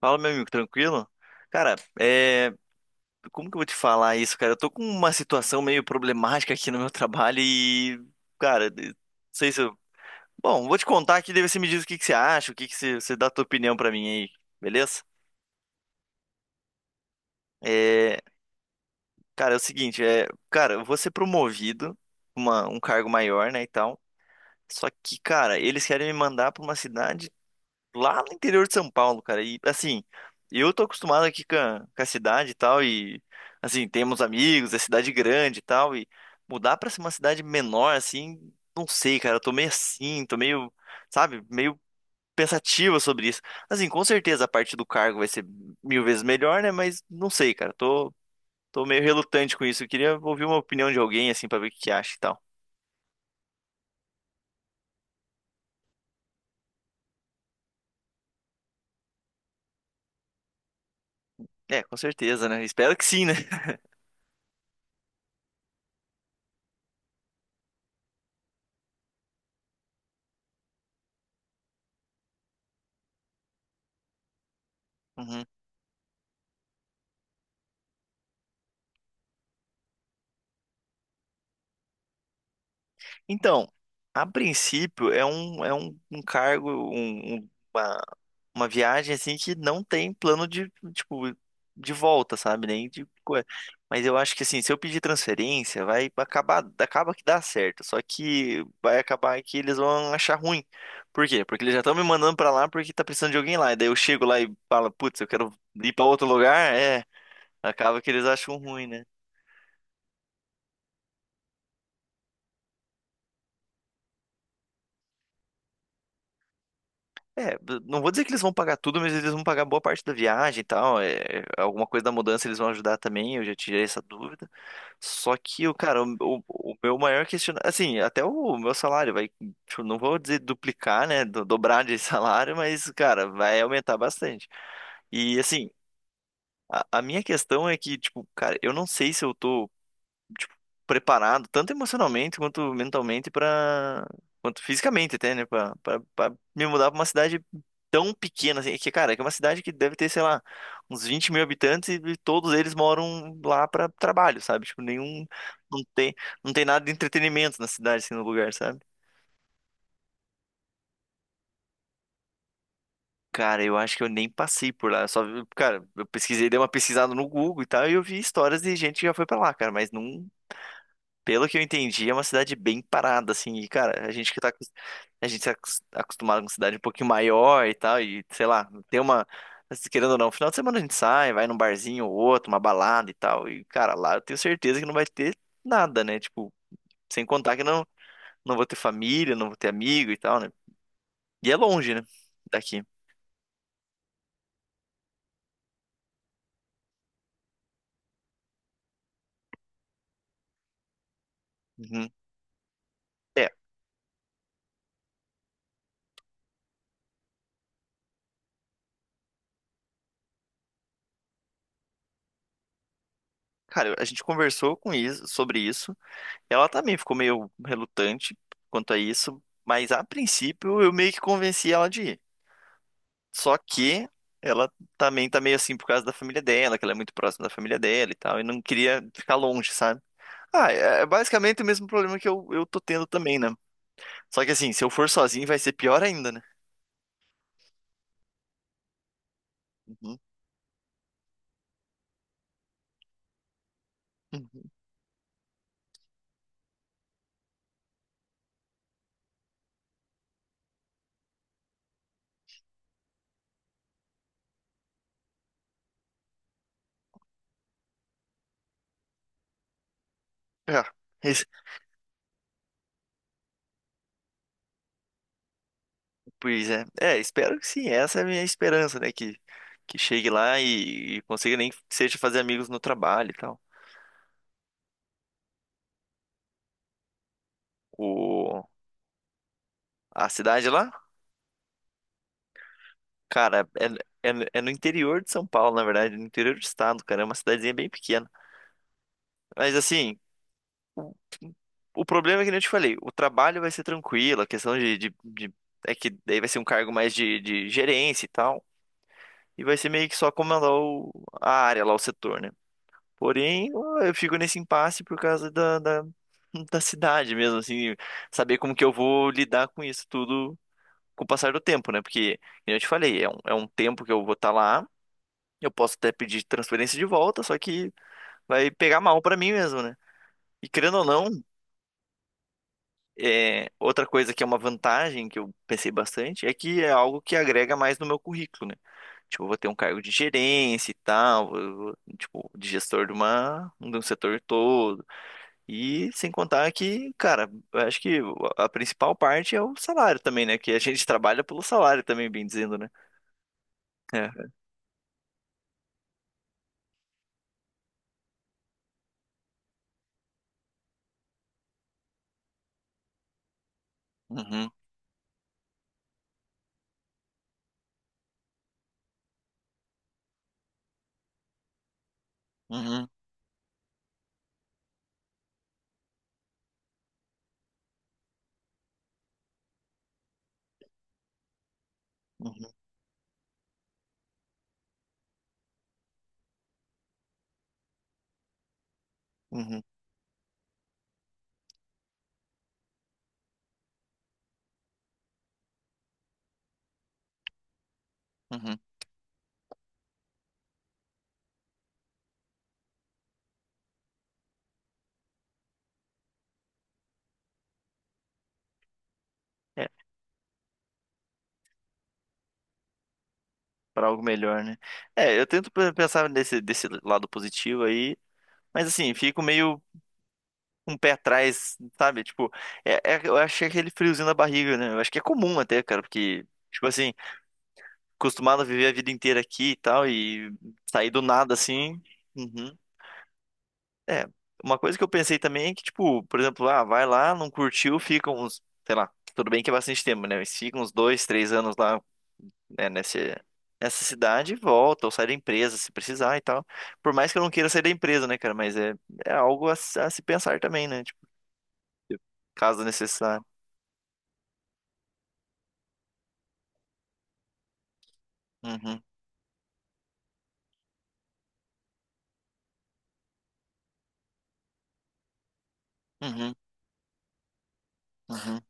Fala, meu amigo, tranquilo? Cara, como que eu vou te falar isso, cara? Eu tô com uma situação meio problemática aqui no meu trabalho e, cara, não sei se eu. Bom, vou te contar aqui, daí você me diz o que que você acha, o que que você dá a tua opinião pra mim aí, beleza? É... Cara, é o seguinte, Cara, eu vou ser promovido, um cargo maior, né, e tal. Só que, cara, eles querem me mandar pra uma cidade lá no interior de São Paulo, cara. E assim, eu tô acostumado aqui com com a cidade e tal, e assim, temos amigos, é cidade grande e tal, e mudar pra uma cidade menor, assim, não sei, cara. Eu tô meio assim, tô meio, sabe, meio pensativa sobre isso. Assim, com certeza a parte do cargo vai ser mil vezes melhor, né? Mas não sei, cara. Tô, tô meio relutante com isso. Eu queria ouvir uma opinião de alguém, assim, pra ver o que que acha e tal. É, com certeza, né? Espero que sim, né? Uhum. Então, a princípio um cargo, uma viagem assim que não tem plano de, tipo, de volta, sabe? Nem de coisa. Mas eu acho que assim, se eu pedir transferência, vai acaba que dá certo. Só que vai acabar que eles vão achar ruim. Por quê? Porque eles já estão me mandando pra lá porque tá precisando de alguém lá. E daí eu chego lá e falo, putz, eu quero ir pra outro lugar. É, acaba que eles acham ruim, né? É, não vou dizer que eles vão pagar tudo, mas eles vão pagar boa parte da viagem e tal. É, é, alguma coisa da mudança eles vão ajudar também, eu já tirei essa dúvida. Só que, o cara, o meu maior questionamento. Assim, até o meu salário vai. Tipo, não vou dizer duplicar, né? Dobrar de salário, mas, cara, vai aumentar bastante. E, assim, a minha questão é que, tipo, cara, eu não sei se eu tô tipo, preparado, tanto emocionalmente quanto mentalmente para quanto fisicamente até, né, Pra pra me mudar pra uma cidade tão pequena assim, que cara, que é uma cidade que deve ter, sei lá, uns 20 mil habitantes e todos eles moram lá pra trabalho, sabe? Tipo, nenhum não tem não tem nada de entretenimento na cidade assim no lugar, sabe? Cara, eu acho que eu nem passei por lá. Eu só, cara, eu pesquisei, dei uma pesquisada no Google e tal, e eu vi histórias de gente que já foi pra lá, cara, mas não. Pelo que eu entendi, é uma cidade bem parada, assim, e, cara, a gente tá acostumado com cidade um pouquinho maior e tal, e, sei lá, tem uma, querendo ou não, final de semana a gente sai, vai num barzinho ou outro, uma balada e tal, e, cara, lá eu tenho certeza que não vai ter nada, né, tipo, sem contar que não, não vou ter família, não vou ter amigo e tal, né, e é longe, né, daqui. Uhum. É, cara, a gente conversou com isso, sobre isso, ela também ficou meio relutante quanto a isso, mas a princípio eu meio que convenci ela de ir. Só que ela também tá meio assim por causa da família dela, que ela é muito próxima da família dela e tal, e não queria ficar longe, sabe? Ah, é é basicamente o mesmo problema que eu tô tendo também, né? Só que assim, se eu for sozinho vai ser pior ainda, né? Uhum, uhum. É, es- pois é. É, espero que sim, essa é a minha esperança, né? Que chegue lá e consiga nem que seja fazer amigos no trabalho e tal. O, a cidade lá, cara, é, é, é no interior de São Paulo, na verdade, no interior do estado, cara, é uma cidadezinha bem pequena. Mas assim, o problema é que nem eu te falei, o trabalho vai ser tranquilo, a questão de, é que daí vai ser um cargo mais de gerência e tal, e vai ser meio que só comandar o, a área lá, o setor, né? Porém, eu fico nesse impasse por causa da, da, da cidade mesmo, assim, saber como que eu vou lidar com isso tudo com o passar do tempo, né? Porque, como eu te falei, é um tempo que eu vou estar lá, eu posso até pedir transferência de volta, só que vai pegar mal pra mim mesmo, né? E querendo ou não, é, outra coisa que é uma vantagem que eu pensei bastante é que é algo que agrega mais no meu currículo, né? Tipo, eu vou ter um cargo de gerência e tal, vou, tipo, de gestor de uma, de um setor todo. E sem contar que, cara, eu acho que a principal parte é o salário também, né? Que a gente trabalha pelo salário também, bem dizendo, né? É. Uhum, uhum, uhum, uhum, uhum. É, para algo melhor, né? É, eu tento pensar nesse, desse lado positivo aí, mas assim, fico meio um pé atrás, sabe? Tipo, é, eu achei aquele friozinho na barriga, né? Eu acho que é comum até, cara, porque, tipo assim, acostumado a viver a vida inteira aqui e tal, e sair do nada assim. Uhum. É. Uma coisa que eu pensei também é que, tipo, por exemplo, ah, vai lá, não curtiu, fica uns, sei lá, tudo bem que é bastante tempo, né? Mas fica uns 2, 3 anos lá, né, nesse, nessa cidade e volta, ou sai da empresa se precisar e tal. Por mais que eu não queira sair da empresa, né, cara? Mas é, é algo a se pensar também, né? Tipo, caso necessário. Uhum, uhum, uhum,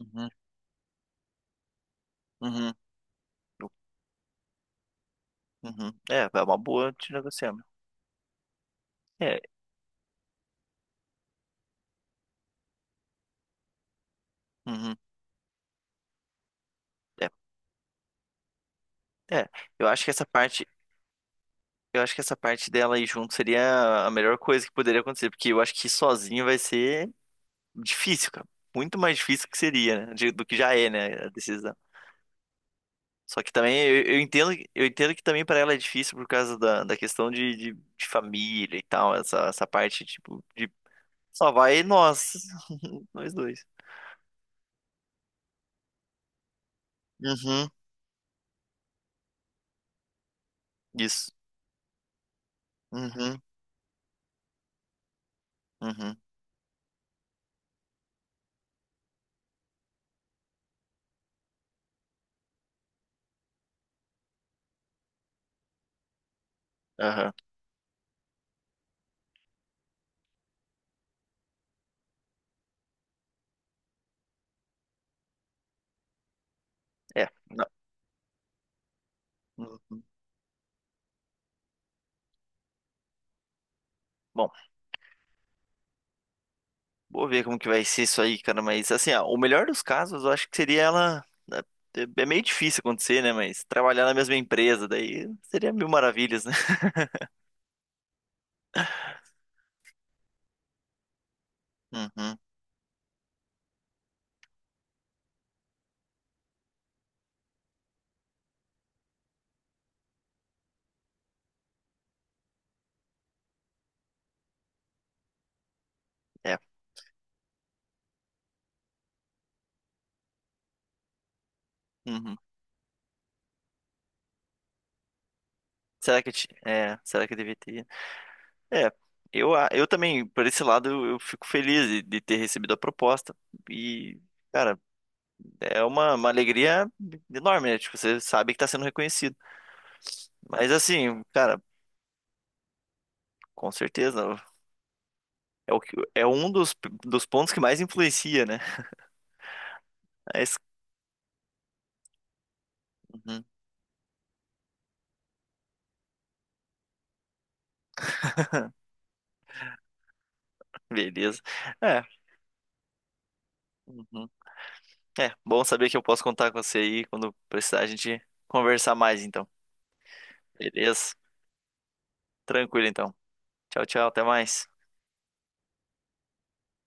uhum, uhum, uhum. Uhum. É, é uma boa de negociar. Meu. É, uhum, é, é. Eu acho que essa parte, eu acho que essa parte dela aí junto seria a melhor coisa que poderia acontecer, porque eu acho que sozinho vai ser difícil, cara. Muito mais difícil que seria, né? Do que já é, né, a decisão. Só que também eu entendo que também para ela é difícil por causa da, da questão de família e tal, essa parte tipo de só vai nós, nós dois. Uhum, isso. Uhum, uhum, aham. É. Não, uhum. Bom, vou ver como que vai ser isso aí, cara. Mas assim, ó, o melhor dos casos, eu acho que seria ela. Né, é é meio difícil acontecer, né? Mas trabalhar na mesma empresa, daí seria mil maravilhas, né? Uhum, é. Uhum. Será que é, será que eu devia ter? É, eu também, por esse lado, eu fico feliz de ter recebido a proposta. E, cara, é uma alegria enorme, né? Tipo, você sabe que tá sendo reconhecido. Mas assim, cara. Com certeza. É, o que, é um dos, dos pontos que mais influencia, né? Mas, uhum, beleza. É, uhum. É, bom saber que eu posso contar com você aí quando precisar a gente conversar mais, então. Beleza? Tranquilo, então. Tchau, tchau. Até mais.